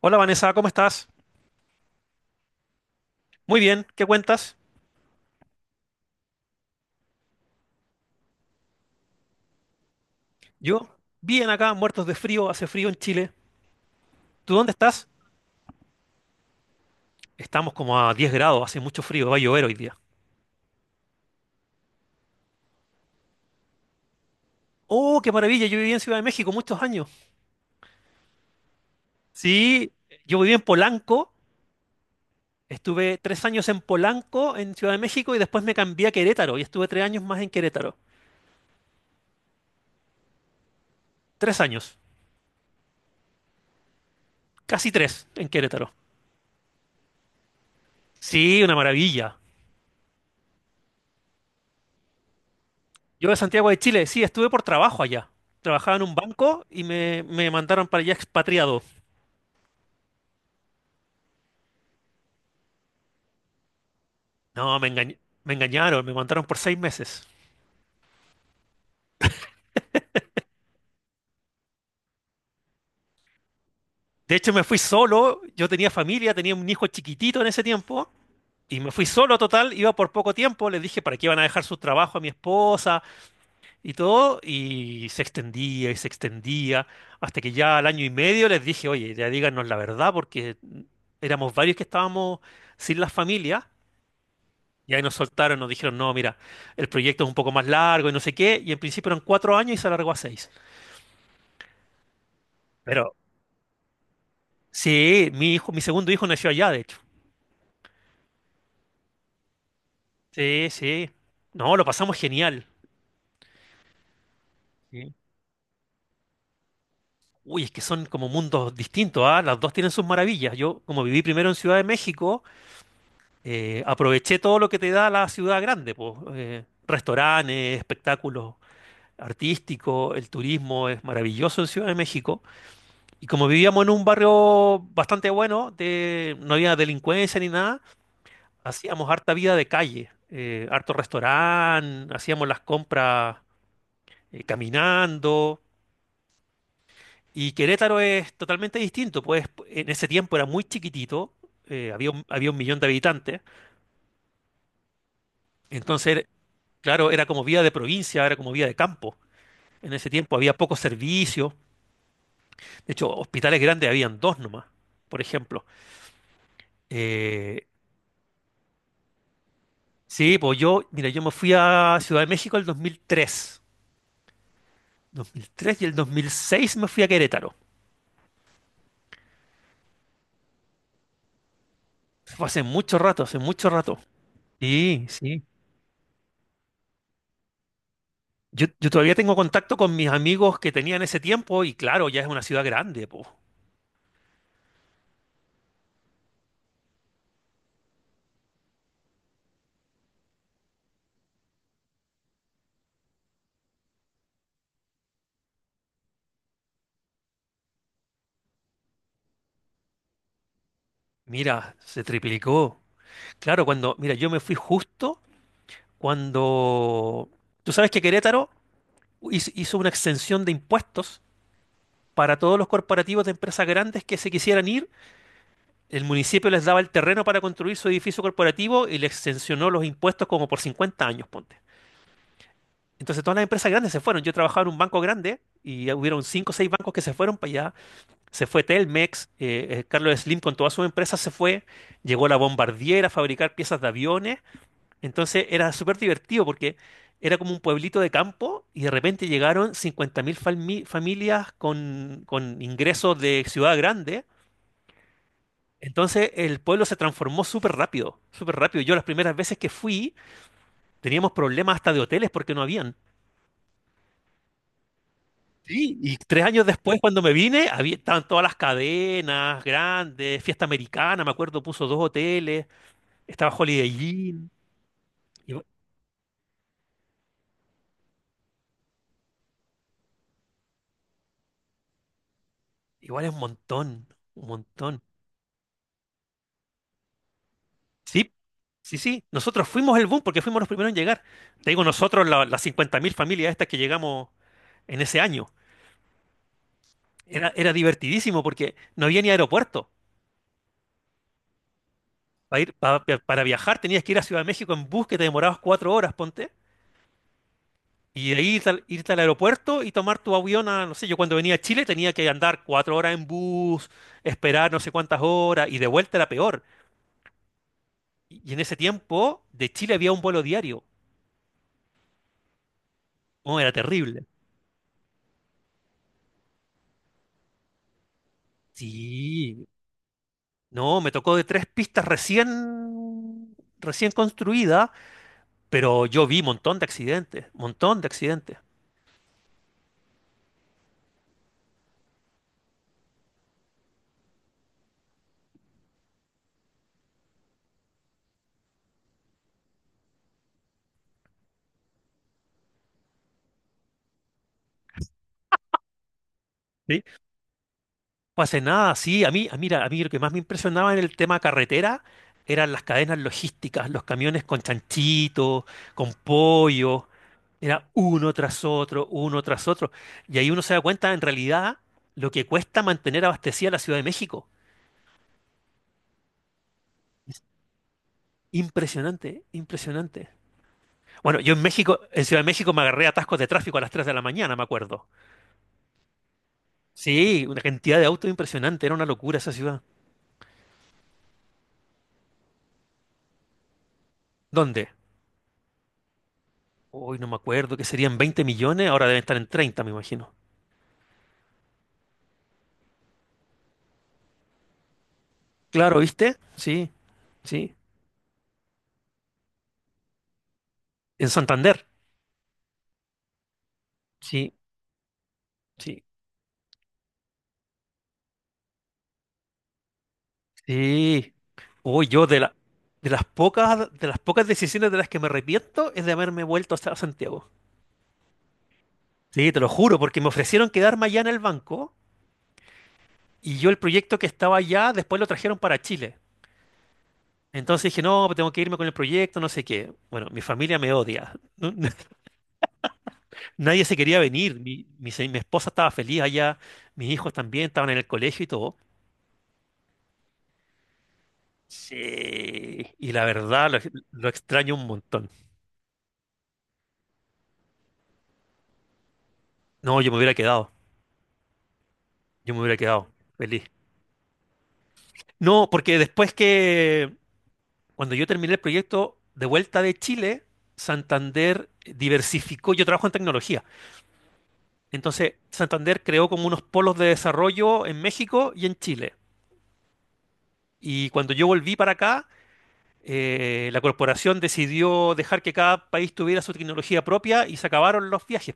Hola Vanessa, ¿cómo estás? Muy bien, ¿qué cuentas? Yo, bien acá, muertos de frío, hace frío en Chile. ¿Tú dónde estás? Estamos como a 10 grados, hace mucho frío, va a llover hoy día. Oh, qué maravilla, yo viví en Ciudad de México muchos años. Sí, yo viví en Polanco, estuve 3 años en Polanco, en Ciudad de México, y después me cambié a Querétaro y estuve 3 años más en Querétaro. 3 años, casi tres en Querétaro. Sí, una maravilla. Yo de Santiago de Chile, sí, estuve por trabajo allá. Trabajaba en un banco y me mandaron para allá expatriado. No, me engañaron, me mandaron por 6 meses. De hecho, me fui solo, yo tenía familia, tenía un hijo chiquitito en ese tiempo, y me fui solo total, iba por poco tiempo, les dije para qué iban a dejar su trabajo a mi esposa y todo, y se extendía, hasta que ya al año y medio les dije, oye, ya díganos la verdad, porque éramos varios que estábamos sin las familias, y ahí nos soltaron, nos dijeron, no, mira, el proyecto es un poco más largo y no sé qué, y en principio eran 4 años y se alargó a seis. Pero, sí, mi hijo, mi segundo hijo nació allá, de hecho. Sí, sí. No, lo pasamos genial. Sí. Uy, es que son como mundos distintos, ¿ah? Las dos tienen sus maravillas. Yo, como viví primero en Ciudad de México, aproveché todo lo que te da la ciudad grande, pues, restaurantes, espectáculos artísticos, el turismo es maravilloso en Ciudad de México. Y como vivíamos en un barrio bastante bueno, no había delincuencia ni nada, hacíamos harta vida de calle, harto restaurante, hacíamos las compras, caminando. Y Querétaro es totalmente distinto, pues en ese tiempo era muy chiquitito, había un millón de habitantes, entonces, claro, era como vida de provincia, era como vida de campo. En ese tiempo había pocos servicios, de hecho, hospitales grandes habían dos nomás, por ejemplo. Eh, sí, pues yo, mira, yo me fui a Ciudad de México el 2003, y el 2006 me fui a Querétaro. Fue hace mucho rato, hace mucho rato. Sí, sí. Yo todavía tengo contacto con mis amigos que tenía en ese tiempo y claro, ya es una ciudad grande, po. Mira, se triplicó. Claro, cuando, mira, yo me fui justo cuando. Tú sabes que Querétaro hizo una exención de impuestos para todos los corporativos de empresas grandes que se quisieran ir. El municipio les daba el terreno para construir su edificio corporativo y les exencionó los impuestos como por 50 años, ponte. Entonces todas las empresas grandes se fueron. Yo trabajaba en un banco grande y hubieron cinco o seis bancos que se fueron para allá. Se fue Telmex, Carlos Slim con toda su empresa se fue, llegó la Bombardier a fabricar piezas de aviones, entonces era súper divertido porque era como un pueblito de campo y de repente llegaron 50.000 familias con ingresos de ciudad grande, entonces el pueblo se transformó súper rápido, súper rápido. Yo las primeras veces que fui teníamos problemas hasta de hoteles porque no habían. Sí, y 3 años después, cuando me vine, había, estaban todas las cadenas grandes, Fiesta Americana, me acuerdo, puso dos hoteles. Estaba Holiday Inn. Igu- Igual es un montón, un montón. Sí, sí, sí. Nosotros fuimos el boom porque fuimos los primeros en llegar. Te digo, nosotros, las 50.000 familias estas que llegamos en ese año. Era divertidísimo porque no había ni aeropuerto. Para ir, para viajar tenías que ir a Ciudad de México en bus que te demorabas 4 horas, ponte. Y de ahí irte al aeropuerto y tomar tu avión a, no sé, yo cuando venía a Chile tenía que andar 4 horas en bus, esperar no sé cuántas horas y de vuelta era peor. Y en ese tiempo, de Chile había un vuelo diario. Oh, era terrible. Sí. No, me tocó de tres pistas recién construidas, pero yo vi montón de accidentes, montón de accidentes. ¿Sí? No hace nada, sí. A mí, mira, a mí lo que más me impresionaba en el tema carretera eran las cadenas logísticas, los camiones con chanchitos, con pollo. Era uno tras otro, uno tras otro. Y ahí uno se da cuenta, en realidad, lo que cuesta mantener abastecida la Ciudad de México. Impresionante, impresionante. Bueno, yo en México, en Ciudad de México me agarré atascos de tráfico a las 3 de la mañana, me acuerdo. Sí, una cantidad de autos impresionante, era una locura esa ciudad. ¿Dónde? Hoy no me acuerdo, que serían 20 millones, ahora deben estar en treinta, me imagino. Claro, ¿viste? Sí, sí. En Santander. Sí, sí, sí. Uy, yo de las pocas decisiones de las que me arrepiento es de haberme vuelto hasta Santiago. Sí, te lo juro, porque me ofrecieron quedarme allá en el banco. Y yo el proyecto que estaba allá, después lo trajeron para Chile. Entonces dije, no, pues tengo que irme con el proyecto, no sé qué. Bueno, mi familia me odia. Nadie se quería venir. Mi esposa estaba feliz allá, mis hijos también estaban en el colegio y todo. Sí. Y la verdad, lo extraño un montón. No, yo me hubiera quedado. Yo me hubiera quedado feliz. No, porque después cuando yo terminé el proyecto de vuelta de Chile, Santander diversificó. Yo trabajo en tecnología. Entonces, Santander creó como unos polos de desarrollo en México y en Chile. Y cuando yo volví para acá, la corporación decidió dejar que cada país tuviera su tecnología propia y se acabaron los viajes.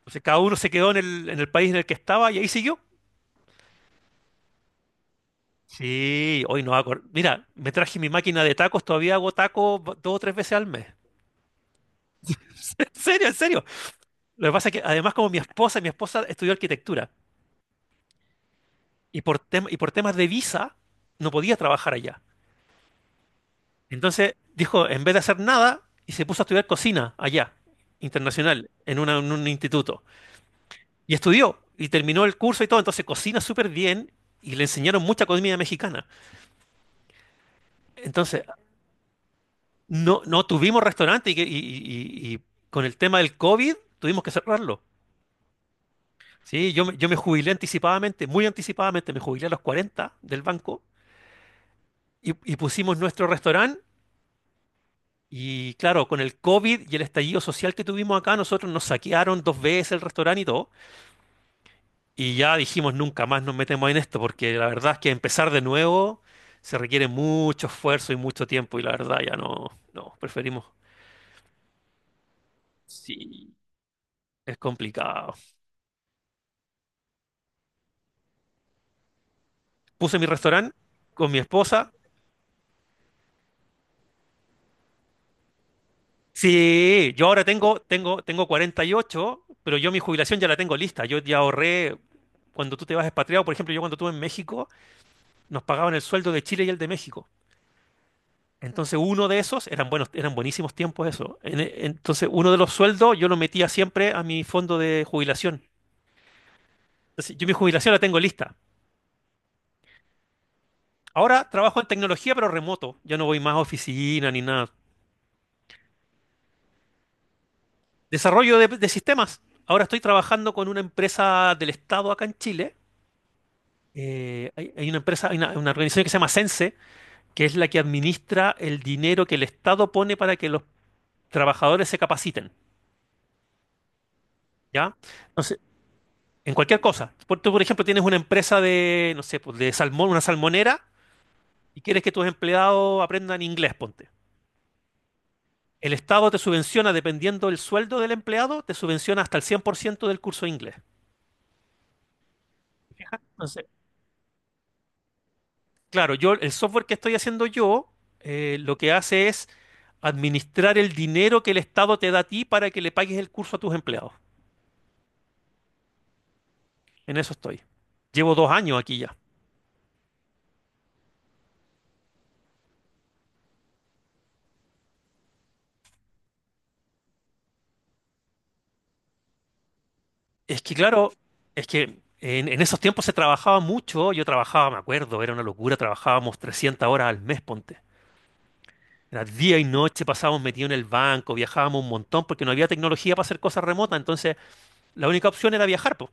Entonces, cada uno se quedó en el país en el que estaba y ahí siguió. Sí, hoy no hago. Mira, me traje mi máquina de tacos, todavía hago tacos dos o tres veces al mes. En serio, en serio. Lo que pasa es que además, como mi esposa estudió arquitectura y por temas de visa no podía trabajar allá. Entonces dijo, en vez de hacer nada, y se puso a estudiar cocina allá, internacional, en un instituto. Y estudió, y terminó el curso y todo, entonces cocina súper bien, y le enseñaron mucha comida mexicana. Entonces, no, no tuvimos restaurante, y con el tema del COVID tuvimos que cerrarlo. Sí, yo me jubilé anticipadamente, muy anticipadamente, me jubilé a los 40 del banco, y pusimos nuestro restaurante. Y claro, con el COVID y el estallido social que tuvimos acá, nosotros nos saquearon 2 veces el restaurante y todo. Y ya dijimos, nunca más nos metemos en esto, porque la verdad es que empezar de nuevo se requiere mucho esfuerzo y mucho tiempo, y la verdad ya no, no, preferimos. Sí. Es complicado. Puse mi restaurante con mi esposa. Sí, yo ahora tengo 48, pero yo mi jubilación ya la tengo lista. Yo ya ahorré, cuando tú te vas expatriado, por ejemplo, yo cuando estuve en México, nos pagaban el sueldo de Chile y el de México. Entonces uno de esos, eran buenos, eran buenísimos tiempos eso. Entonces uno de los sueldos yo lo metía siempre a mi fondo de jubilación. Entonces, yo mi jubilación la tengo lista. Ahora trabajo en tecnología pero remoto. Yo no voy más a oficina ni nada. Desarrollo de sistemas. Ahora estoy trabajando con una empresa del Estado acá en Chile. Hay una empresa, hay una organización que se llama Sense, que es la que administra el dinero que el Estado pone para que los trabajadores se capaciten. ¿Ya? Entonces, en cualquier cosa. Por, tú, por ejemplo, tienes una empresa de, no sé, pues de salmón, una salmonera, y quieres que tus empleados aprendan inglés, ponte. El Estado te subvenciona, dependiendo del sueldo del empleado, te subvenciona hasta el 100% del curso de inglés. Fija. Entonces, claro, yo, el software que estoy haciendo yo, lo que hace es administrar el dinero que el Estado te da a ti para que le pagues el curso a tus empleados. En eso estoy. Llevo 2 años aquí ya. Es que claro, es que en esos tiempos se trabajaba mucho, yo trabajaba, me acuerdo, era una locura, trabajábamos 300 horas al mes, ponte. Era día y noche, pasábamos metidos en el banco, viajábamos un montón porque no había tecnología para hacer cosas remotas, entonces la única opción era viajar, po.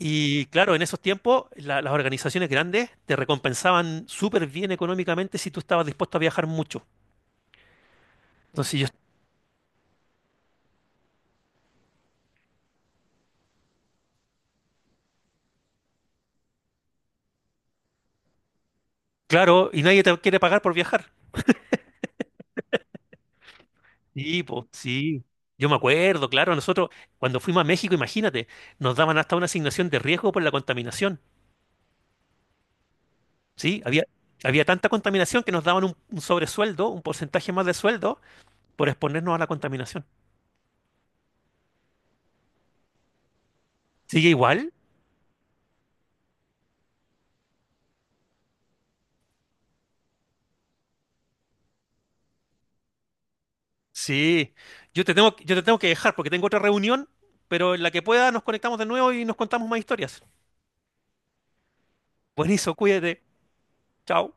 Y claro, en esos tiempos las organizaciones grandes te recompensaban súper bien económicamente si tú estabas dispuesto a viajar mucho. Entonces yo, claro, y nadie te quiere pagar por viajar. Sí, pues, sí. Yo me acuerdo, claro, nosotros cuando fuimos a México, imagínate, nos daban hasta una asignación de riesgo por la contaminación. Sí, había tanta contaminación que nos daban un sobresueldo, un porcentaje más de sueldo por exponernos a la contaminación. ¿Sigue igual? Sí. Yo te tengo que dejar porque tengo otra reunión, pero en la que pueda nos conectamos de nuevo y nos contamos más historias. Buenísimo, cuídate. Chao.